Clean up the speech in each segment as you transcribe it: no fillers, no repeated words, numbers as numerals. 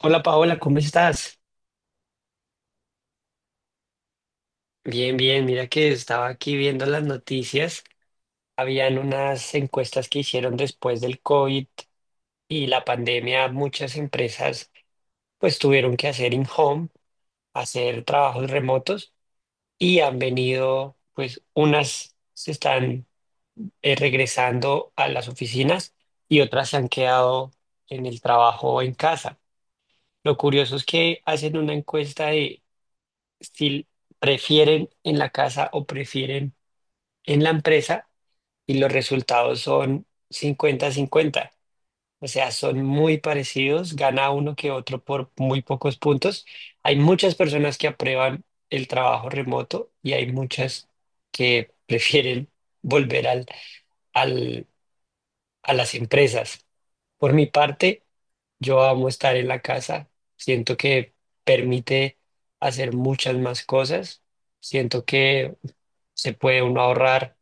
Hola Paola, ¿cómo estás? Bien, bien, mira que estaba aquí viendo las noticias. Habían unas encuestas que hicieron después del COVID y la pandemia. Muchas empresas pues tuvieron que hacer in-home, hacer trabajos remotos y han venido pues unas se están regresando a las oficinas y otras se han quedado en el trabajo o en casa. Lo curioso es que hacen una encuesta de si prefieren en la casa o prefieren en la empresa y los resultados son 50-50. O sea, son muy parecidos, gana uno que otro por muy pocos puntos. Hay muchas personas que aprueban el trabajo remoto y hay muchas que prefieren volver al- a las empresas. Por mi parte, yo amo estar en la casa. Siento que permite hacer muchas más cosas. Siento que se puede uno ahorrar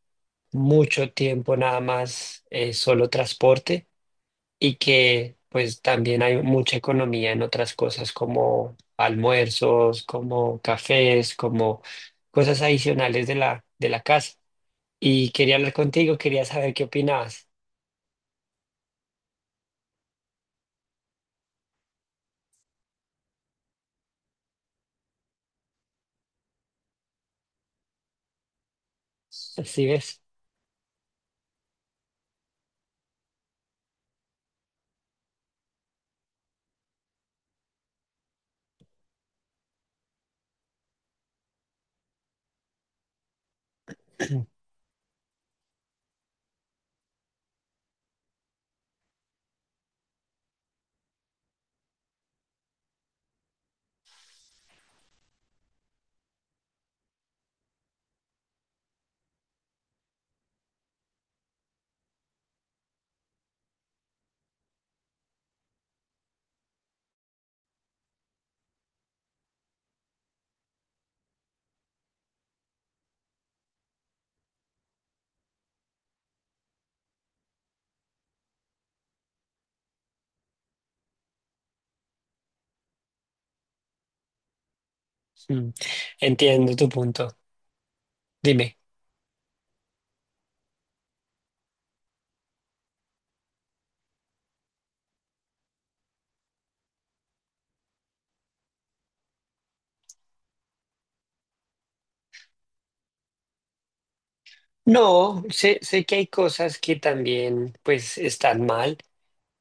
mucho tiempo nada más solo transporte y que pues también hay mucha economía en otras cosas como almuerzos, como cafés, como cosas adicionales de la casa. Y quería hablar contigo, quería saber qué opinabas. Así ves. Mm. Entiendo tu punto. Dime. No, sé que hay cosas que también pues están mal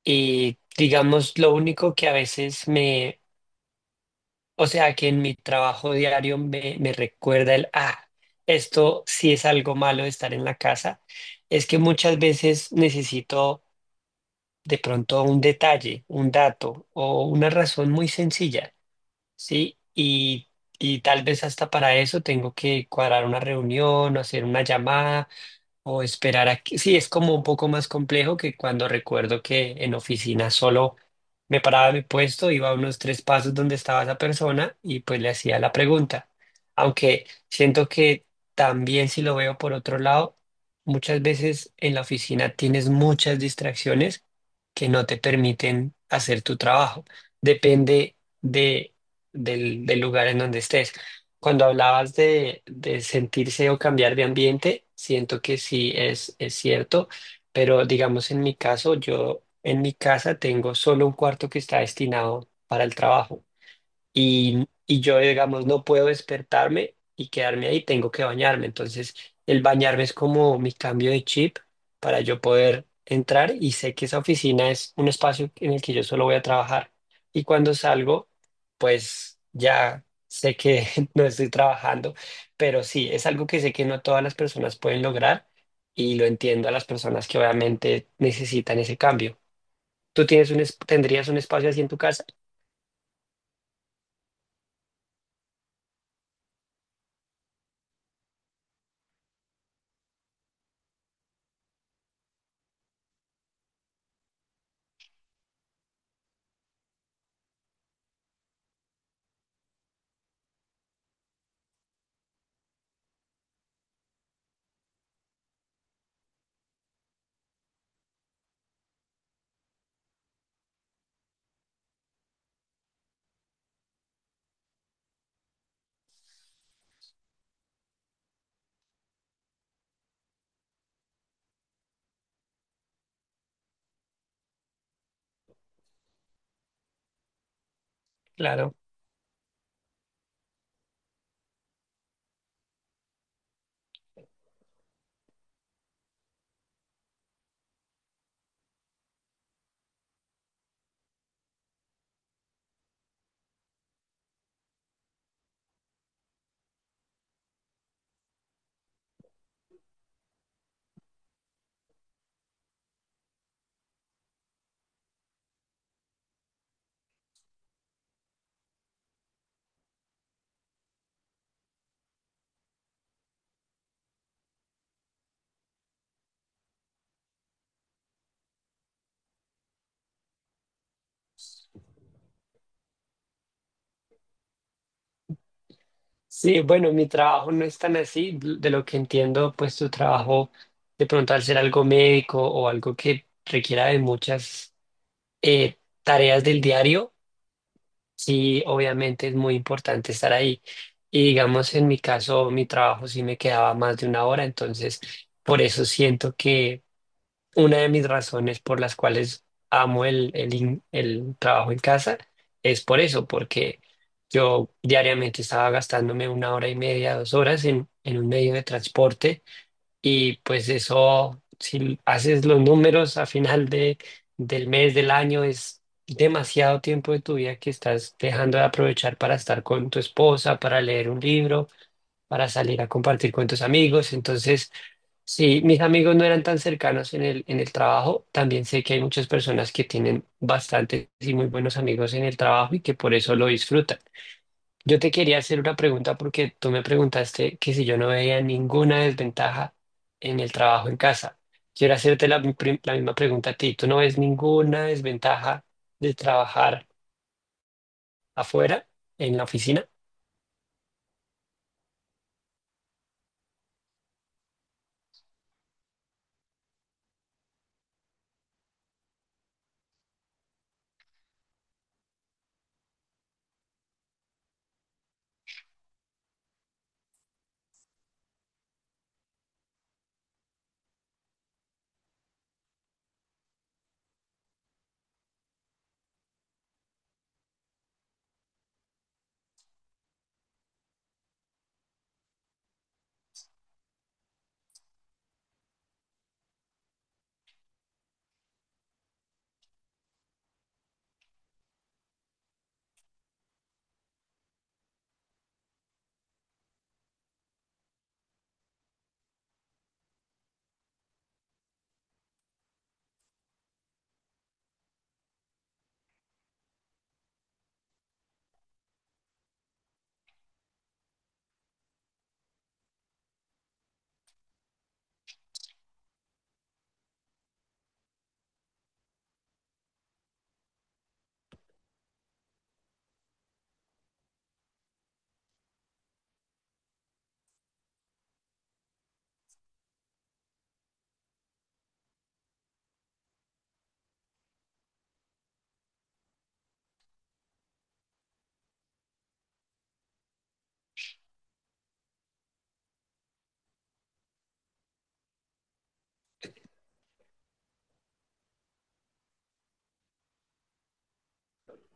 y digamos lo único que a veces me o sea que en mi trabajo diario me recuerda esto sí es algo malo de estar en la casa, es que muchas veces necesito de pronto un detalle, un dato o una razón muy sencilla, ¿sí? Y tal vez hasta para eso tengo que cuadrar una reunión o hacer una llamada. O esperar a que, sí, es como un poco más complejo que cuando recuerdo que en oficina solo me paraba de mi puesto, iba a unos tres pasos donde estaba esa persona y pues le hacía la pregunta. Aunque siento que también si lo veo por otro lado, muchas veces en la oficina tienes muchas distracciones que no te permiten hacer tu trabajo. Depende de, del lugar en donde estés. Cuando hablabas de sentirse o cambiar de ambiente, siento que sí es cierto, pero digamos en mi caso, yo en mi casa tengo solo un cuarto que está destinado para el trabajo y yo, digamos, no puedo despertarme y quedarme ahí, tengo que bañarme. Entonces, el bañarme es como mi cambio de chip para yo poder entrar y sé que esa oficina es un espacio en el que yo solo voy a trabajar. Y cuando salgo, pues ya sé que no estoy trabajando, pero sí, es algo que sé que no todas las personas pueden lograr y lo entiendo a las personas que obviamente necesitan ese cambio. ¿Tú tienes tendrías un espacio así en tu casa? Claro. Sí, bueno, mi trabajo no es tan así. De lo que entiendo, pues tu trabajo, de pronto al ser algo médico o algo que requiera de muchas eh, tareas del diario, sí, obviamente es muy importante estar ahí. Y digamos, en mi caso, mi trabajo sí me quedaba más de una hora, entonces por eso siento que una de mis razones por las cuales amo el trabajo en casa es por eso, porque yo diariamente estaba gastándome una hora y media, 2 horas en un medio de transporte y pues eso, si haces los números a final del mes, del año, es demasiado tiempo de tu vida que estás dejando de aprovechar para estar con tu esposa, para leer un libro, para salir a compartir con tus amigos. Entonces... Sí, mis amigos no eran tan cercanos en el trabajo. También sé que hay muchas personas que tienen bastantes y muy buenos amigos en el trabajo y que por eso lo disfrutan. Yo te quería hacer una pregunta porque tú me preguntaste que si yo no veía ninguna desventaja en el trabajo en casa. Quiero hacerte la misma pregunta a ti. ¿Tú no ves ninguna desventaja de trabajar afuera, en la oficina?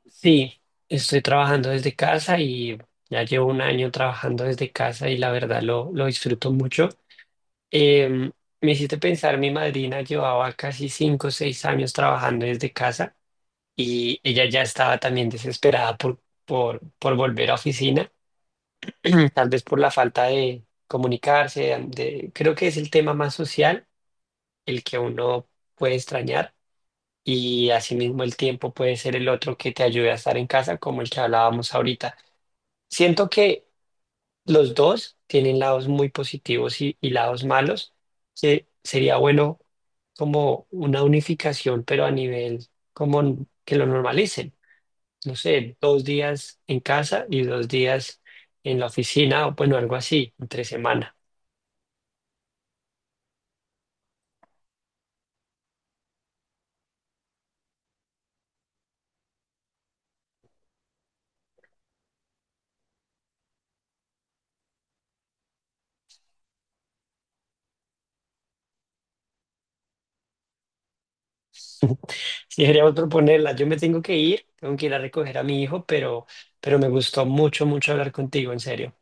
Sí, estoy trabajando desde casa y ya llevo un año trabajando desde casa y la verdad lo disfruto mucho. Em, Me hiciste pensar, mi madrina llevaba casi 5 o 6 años trabajando desde casa y ella ya estaba también desesperada por volver a oficina, tal vez por la falta de comunicarse, de, creo que es el tema más social, el que uno puede extrañar y asimismo el tiempo puede ser el otro que te ayude a estar en casa, como el que hablábamos ahorita. Siento que los dos tienen lados muy positivos y lados malos, que sería bueno como una unificación, pero a nivel como que lo normalicen. No sé, 2 días en casa y 2 días en la oficina, o bueno, algo así, entre semana. Si queríamos proponerla, yo me tengo que ir a recoger a mi hijo, pero me gustó mucho, mucho hablar contigo, en serio.